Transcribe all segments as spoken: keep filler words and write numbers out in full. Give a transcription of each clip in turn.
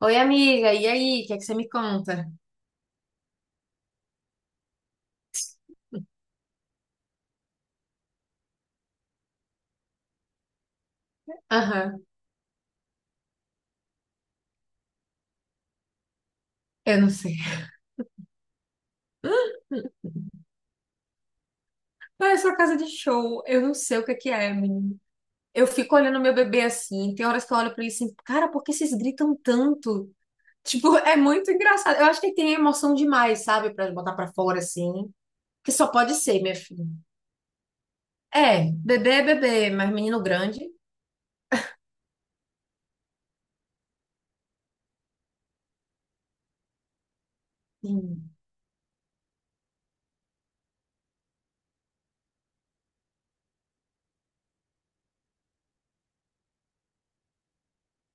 Oi, amiga, e aí? O que é que você me conta? Aham, eu não sei. Ah, é sua casa de show, eu não sei o que é que é, menina. Eu fico olhando meu bebê assim, tem horas que eu olho pra ele assim, cara, por que vocês gritam tanto? Tipo, é muito engraçado. Eu acho que ele tem emoção demais, sabe, pra botar pra fora assim, que só pode ser, minha filha. É, bebê é bebê, mas menino grande. Hum,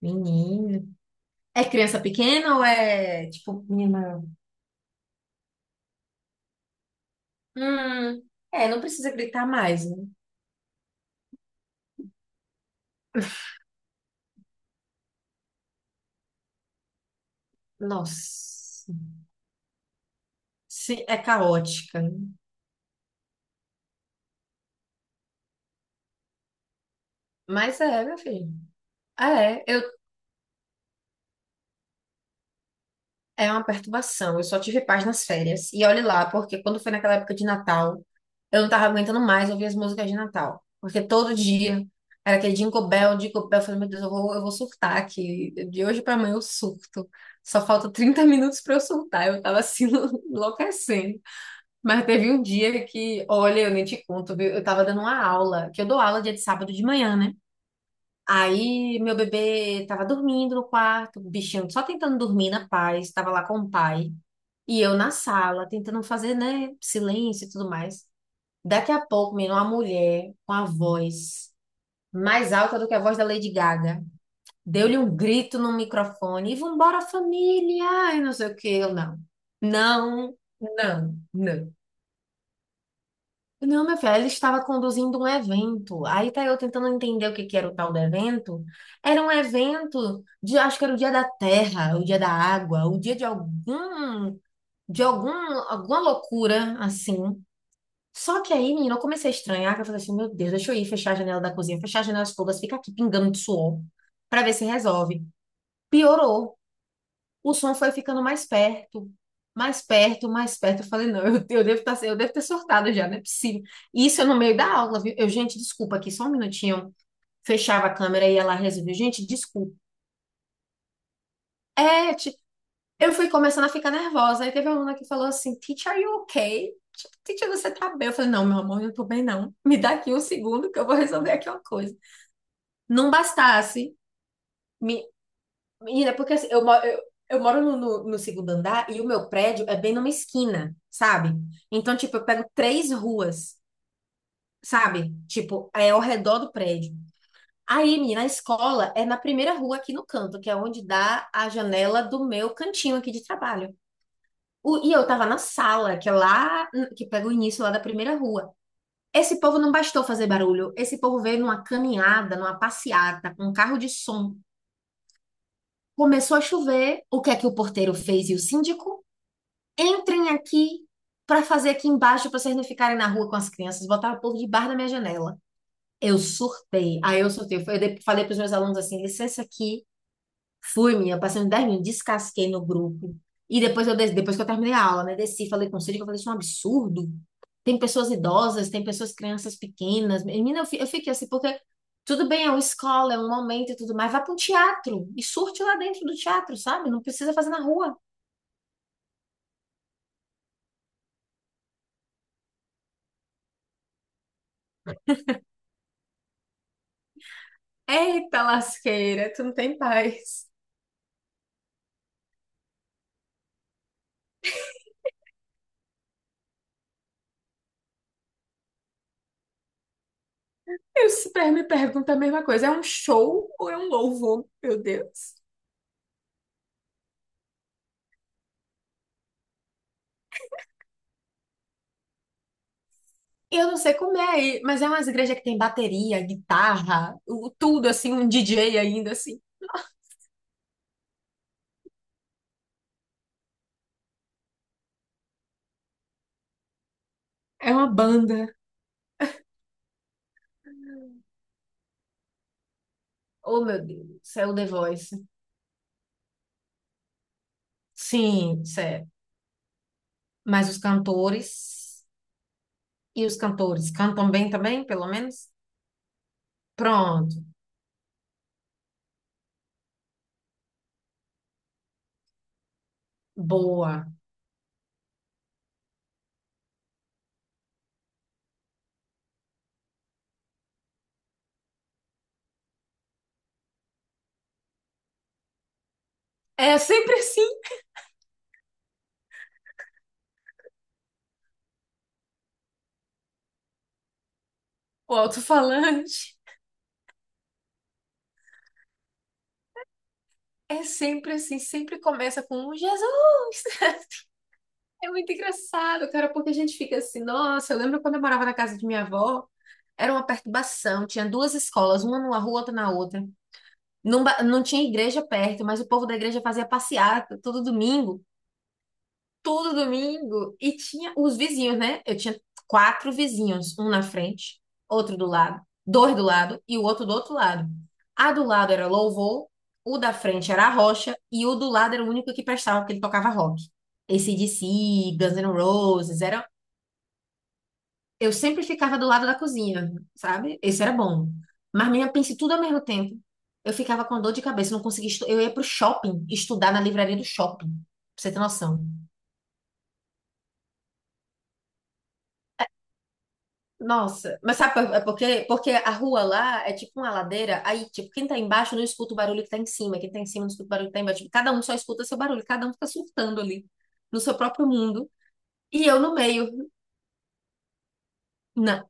menino. É criança pequena ou é, tipo, menina maior? Hum, é, não precisa gritar mais, né? Nossa, sim, é caótica, né? Mas é, meu filho. É, eu, é uma perturbação. Eu só tive paz nas férias. E olhe lá, porque quando foi naquela época de Natal, eu não tava aguentando mais ouvir as músicas de Natal. Porque todo dia era aquele Jingle Bell, Jingle Bell. Eu falei, meu Deus, eu vou, eu vou surtar aqui. De hoje pra amanhã eu surto. Só falta trinta minutos pra eu surtar. Eu tava assim, enlouquecendo. Mas teve um dia que, olha, eu nem te conto, viu? Eu tava dando uma aula, que eu dou aula dia de sábado de manhã, né? Aí meu bebê tava dormindo no quarto, o bichinho só tentando dormir na paz, tava lá com o pai. E eu na sala, tentando fazer, né, silêncio e tudo mais. Daqui a pouco, menino, uma mulher com a voz mais alta do que a voz da Lady Gaga. Deu-lhe um grito no microfone e vambora família, e não sei o que, eu não. Não, não, não. Não, meu filho, ela estava conduzindo um evento. Aí tá eu tentando entender o que que era o tal do evento. Era um evento de, acho que era o dia da terra, o dia da água, o dia de algum, de algum, alguma loucura assim. Só que aí, menina, eu comecei a estranhar, que eu falei assim, meu Deus, deixa eu ir fechar a janela da cozinha, fechar as janelas todas, fica aqui pingando de suor, pra ver se resolve. Piorou. O som foi ficando mais perto, mais perto, mais perto. Eu falei, não, eu, eu devo tá, eu devo ter sortado já, não é possível. E isso eu no meio da aula, viu? Eu, gente, desculpa aqui, só um minutinho. Fechava a câmera e ela resolveu, gente, desculpa. Pet, eu fui começando a ficar nervosa. Aí teve uma aluna que falou assim, teacher, are you okay? Tipo, teacher, você tá bem? Eu falei, não, meu amor, eu não tô bem, não. Me dá aqui um segundo que eu vou resolver aqui uma coisa. Não bastasse, me- menina, porque assim, eu, mo- eu, eu moro no, no, no segundo andar, e o meu prédio é bem numa esquina, sabe? Então, tipo, eu pego três ruas, sabe? Tipo, é ao redor do prédio. Aí, menina, a escola é na primeira rua aqui no canto, que é onde dá a janela do meu cantinho aqui de trabalho. O- e eu tava na sala, que é lá, que pega o início lá da primeira rua. Esse povo não bastou fazer barulho. Esse povo veio numa caminhada, numa passeata, com um carro de som. Começou a chover. O que é que o porteiro fez e o síndico? Entrem aqui para fazer aqui embaixo para vocês não ficarem na rua com as crianças. Botaram o povo de debaixo na minha janela. Eu surtei. Aí eu surtei. Eu falei para os meus alunos assim: licença aqui. Fui, minha. Passei uns dez minutos, descasquei no grupo. E depois, eu, des- depois que eu terminei a aula, né? Desci, falei com o Cid, eu falei: isso é um absurdo. Tem pessoas idosas, tem pessoas, crianças pequenas. Menina, eu, fi- eu fiquei assim, porque tudo bem, é uma escola, é um momento e tudo mais. Vá para um teatro e surte lá dentro do teatro, sabe? Não precisa fazer na rua. Eita lasqueira, tu não tem paz. Eu super me pergunto a mesma coisa, é um show ou é um louvor? Meu Deus. E eu não sei como é aí, mas é umas igrejas que tem bateria, guitarra, o- tudo assim, um D J ainda assim. É uma banda. Oh, meu Deus, isso é o The Voice. Sim, sério. Mas os cantores, e os cantores cantam bem também, pelo menos? Pronto, boa. É sempre assim, o alto-falante. É sempre assim, sempre começa com um Jesus. É muito engraçado, cara, porque a gente fica assim, nossa, eu lembro quando eu morava na casa de minha avó, era uma perturbação, tinha duas escolas, uma numa rua, outra na outra. Não, ba- não tinha igreja perto, mas o povo da igreja fazia passeata todo domingo, todo domingo, e tinha os vizinhos, né? Eu tinha quatro vizinhos, um na frente, outro do lado, dois do lado e o outro do outro lado. A do lado era louvor, o da frente era a rocha e o do lado era o único que prestava porque ele tocava rock. A C/D C, Guns N' Roses, era eu sempre ficava do lado da cozinha, sabe? Esse era bom. Mas minha pense tudo ao mesmo tempo. Eu ficava com dor de cabeça, não conseguia estu... eu ia pro shopping, estudar na livraria do shopping, pra você ter noção. Nossa, mas sabe por por quê? Porque a rua lá é tipo uma ladeira, aí, tipo, quem tá embaixo não escuta o barulho que tá em cima, quem tá em cima não escuta o barulho que tá embaixo. Tipo, cada um só escuta seu barulho, cada um fica surtando ali, no seu próprio mundo, e eu no meio. Não,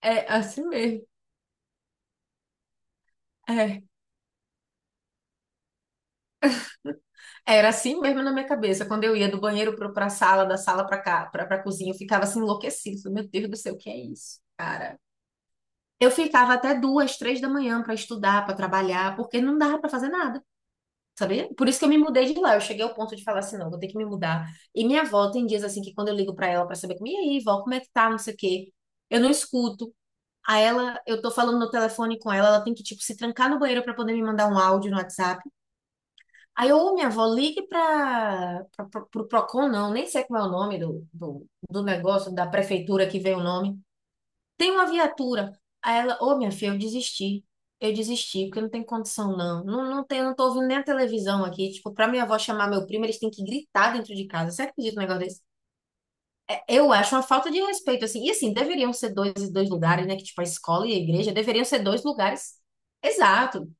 é assim mesmo. É. Era assim mesmo na minha cabeça. Quando eu ia do banheiro pro, pra sala, da sala pra cá, pra, pra cozinha, eu ficava assim enlouquecida. Falei, meu Deus do céu, o que é isso, cara? Eu ficava até duas, três da manhã pra estudar, pra trabalhar, porque não dava pra fazer nada. Sabia? Por isso que eu me mudei de lá. Eu cheguei ao ponto de falar assim, não, vou ter que me mudar. E minha avó tem dias assim que quando eu ligo pra ela pra saber como, e aí, vó, como é que tá, não sei o quê, eu não escuto. A ela, eu tô falando no telefone com ela, ela tem que, tipo, se trancar no banheiro pra poder me mandar um áudio no WhatsApp. Aí eu, ô, minha avó, ligue pra, pra, pro pro Procon, não, nem sei como é o nome do, do, do negócio, da prefeitura que vem o nome. Tem uma viatura. Aí ela, ô, minha filha, eu desisti. Eu desisti, porque não tem condição, não. Não, não tem, não tô ouvindo nem a televisão aqui. Tipo, pra minha avó chamar meu primo, eles têm que gritar dentro de casa. Você acredita num negócio desse? É, eu acho uma falta de respeito, assim. E assim, deveriam ser dois e dois lugares, né? Que tipo, a escola e a igreja deveriam ser dois lugares. Exato.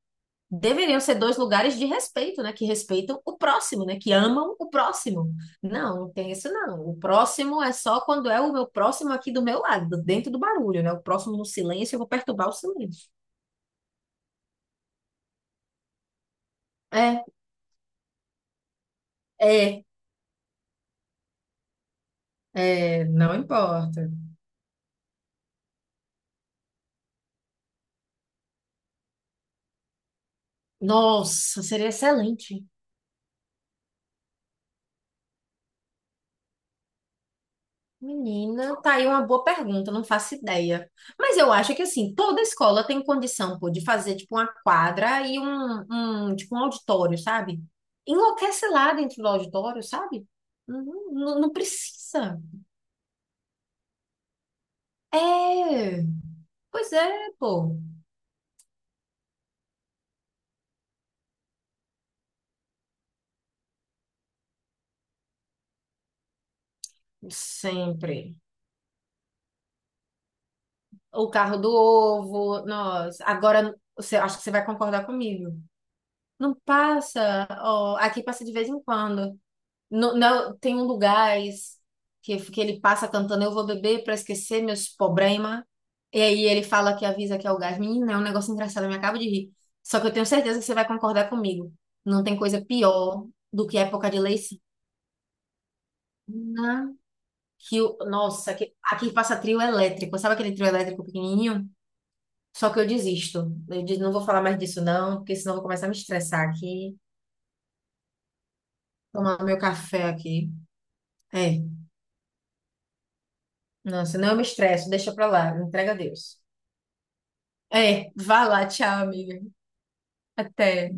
Deveriam ser dois lugares de respeito, né? Que respeitam o próximo, né? Que amam o próximo. Não, não tem isso não. O próximo é só quando é o meu próximo aqui do meu lado, dentro do barulho, né? O próximo no silêncio, eu vou perturbar o silêncio. É, é, é, não importa. Nossa, seria excelente. Menina, tá aí uma boa pergunta, não faço ideia. Mas eu acho que assim, toda escola tem condição, pô, de fazer tipo uma quadra e um, um tipo um auditório, sabe? Enlouquece lá dentro do auditório, sabe? Não, não, não precisa. É, pois é, pô. Sempre. O carro do ovo, nós. Agora, você, acho que você vai concordar comigo. Não passa, ó, aqui passa de vez em quando. No- na- tem um lugar que, que ele passa cantando: eu vou beber pra esquecer meus problemas. E aí ele fala que avisa que é o gás. Menina, é um negócio engraçado, eu me acabo de rir. Só que eu tenho certeza que você vai concordar comigo. Não tem coisa pior do que época de Leicina. Que o, nossa, que, aqui passa trio elétrico. Sabe aquele trio elétrico pequenininho? Só que eu desisto. Eu digo, não vou falar mais disso não, porque senão eu vou começar a me estressar aqui. Tomar meu café aqui. É, não, senão eu me estresso. Deixa pra lá, entrega a Deus. É, vá lá, tchau, amiga. Até.